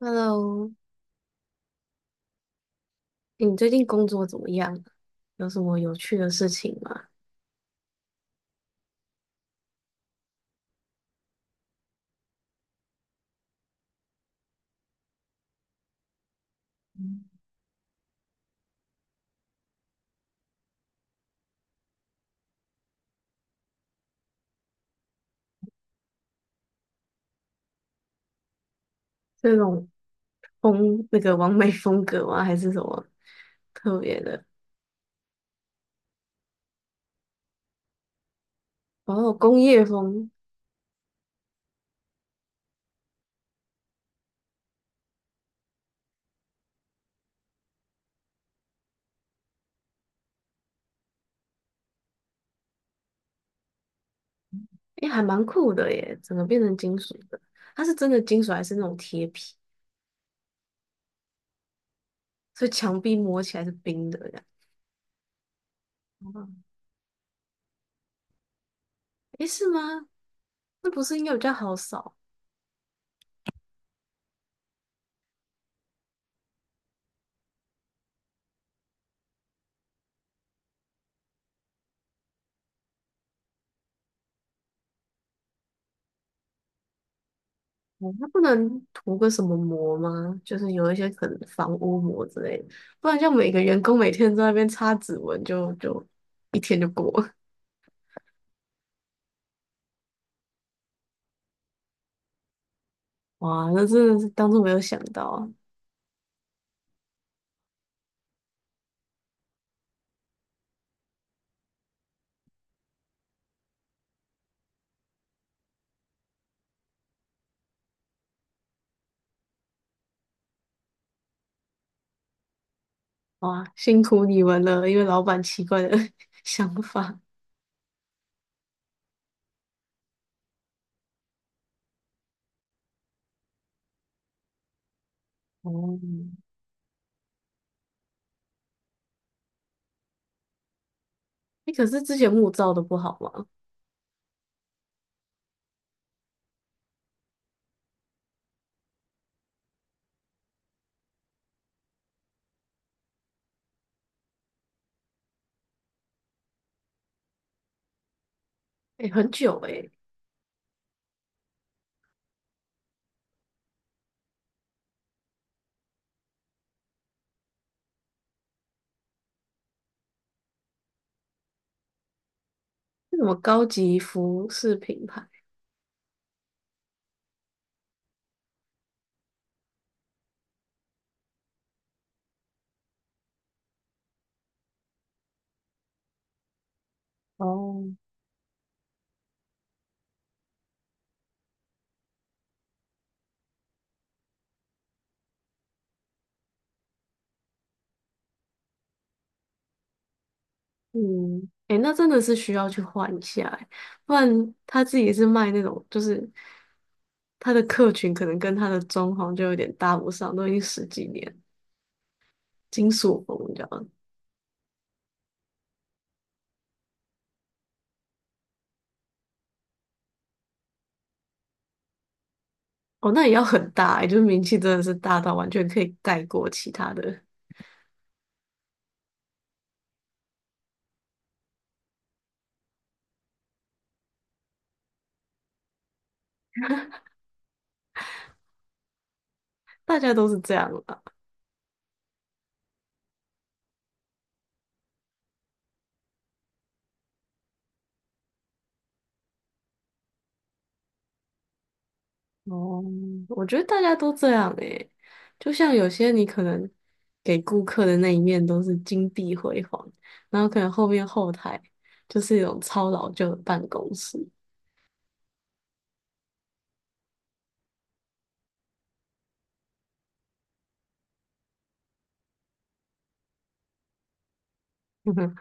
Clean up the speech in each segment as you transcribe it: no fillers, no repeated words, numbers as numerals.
Hello，你最近工作怎么样？有什么有趣的事情吗？这种风，那个完美风格吗？还是什么特别的？哦，工业风，诶，还蛮酷的耶，整个变成金属的。它是真的金属还是那种贴皮？所以墙壁摸起来是冰的呀？哦，诶，是吗？那不是应该比较好扫？哦它不能涂个什么膜吗？就是有一些可能防污膜之类的，不然像每个员工每天在那边擦指纹就一天就过了。哇，那真的是当初没有想到啊！哇，辛苦你们了，因为老板奇怪的 想法。哦，哎，可是之前木造的不好吗？哎，很久哎，那什么高级服饰品牌？哦，嗯，诶，那真的是需要去换一下欸，不然他自己是卖那种，就是他的客群可能跟他的装潢就有点搭不上，都已经十几年，金属风这样。哦，那也要很大欸，就是名气真的是大到完全可以盖过其他的，大家都是这样啦。哦，我觉得大家都这样诶，就像有些你可能给顾客的那一面都是金碧辉煌，然后可能后面后台就是一种超老旧的办公室。嗯哼，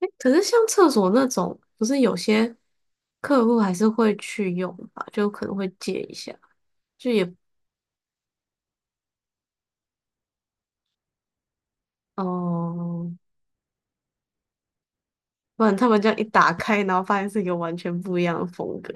诶可是像厕所那种，不是有些客户还是会去用吧？就可能会借一下，就也哦、不然他们这样一打开，然后发现是一个完全不一样的风格，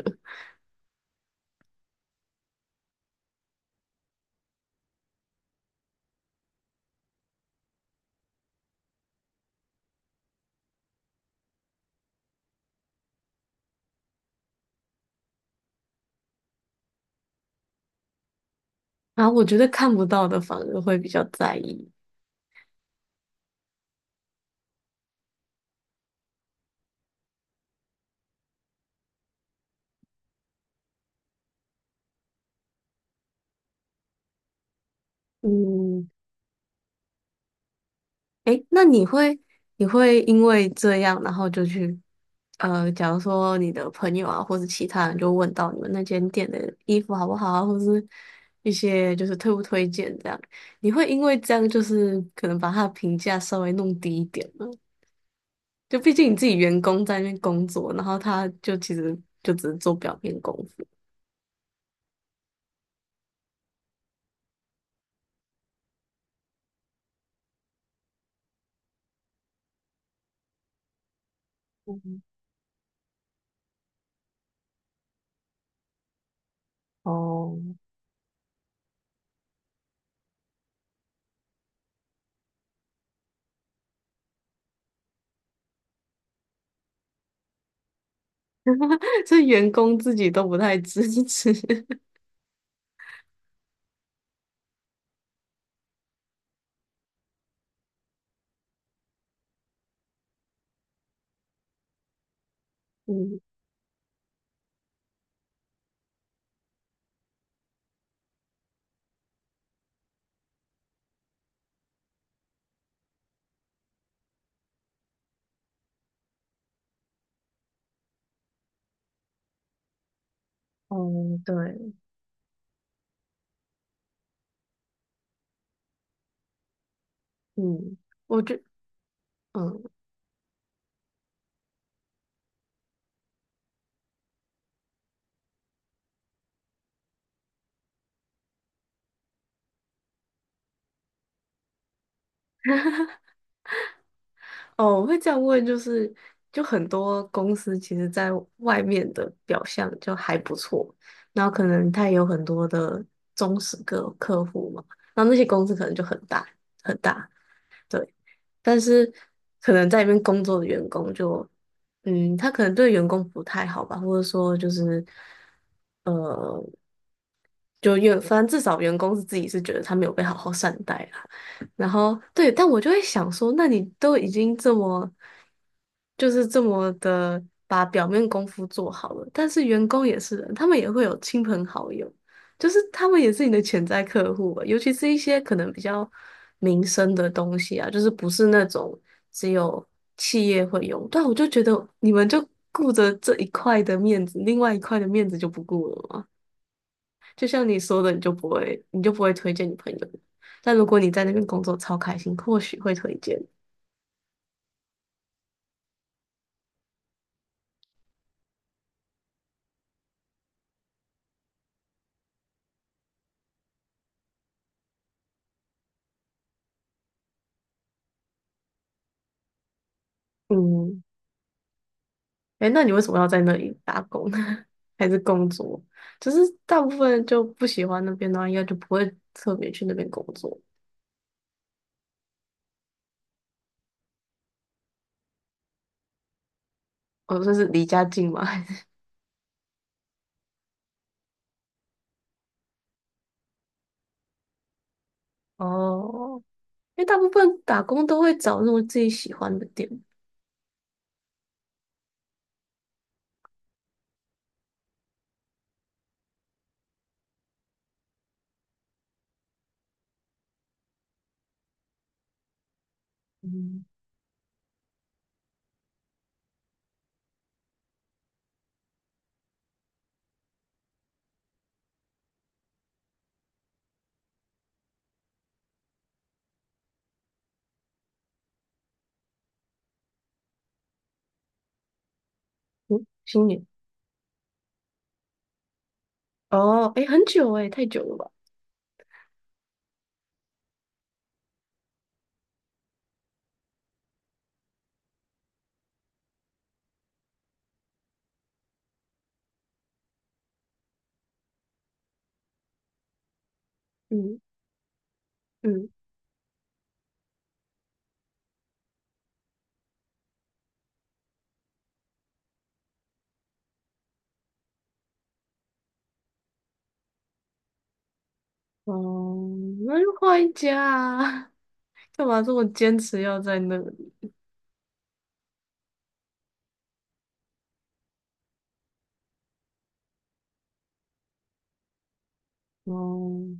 然后我觉得看不到的反而会比较在意。嗯，诶，那你会你会因为这样，然后就去，假如说你的朋友啊，或者其他人就问到你们那间店的衣服好不好啊，或是一些就是推不推荐这样，你会因为这样就是可能把他的评价稍微弄低一点吗？就毕竟你自己员工在那边工作，然后他就其实就只是做表面功夫，嗯哦，所以员工自己都不太支持。嗯，哦，对，嗯，我觉嗯。哦，我会这样问，就是就很多公司其实在外面的表象就还不错，然后可能他也有很多的忠实客户嘛，然后那些公司可能就很大，对，但是可能在里面工作的员工就，嗯，他可能对员工不太好吧，或者说就是。呃。就员，反正至少员工是自己是觉得他没有被好好善待啦。然后对，但我就会想说，那你都已经这么，就是这么的把表面功夫做好了，但是员工也是人，他们也会有亲朋好友，就是他们也是你的潜在客户吧，尤其是一些可能比较民生的东西啊，就是不是那种只有企业会用。但我就觉得你们就顾着这一块的面子，另外一块的面子就不顾了嘛。就像你说的，你就不会推荐你朋友。但如果你在那边工作超开心，或许会推荐。嗯，哎，那你为什么要在那里打工呢？还是工作？就是大部分人就不喜欢那边的话，应该就不会特别去那边工作。哦，这是离家近吗？还是哦，因为大部分打工都会找那种自己喜欢的店。嗯嗯，新年哦，哎，很久哎，太久了吧？嗯嗯，哦，那就换一家啊干嘛这么坚持要在那里？哦，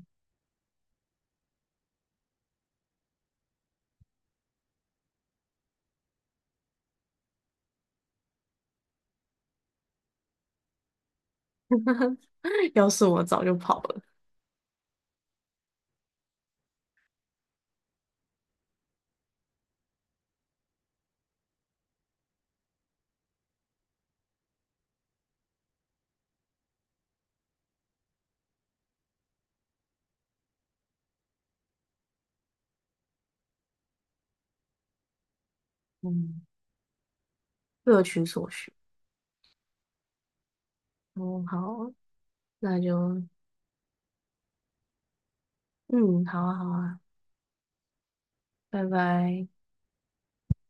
要是我早就跑了。嗯，各取所需。哦，好啊，那就嗯，好啊，好啊，拜拜。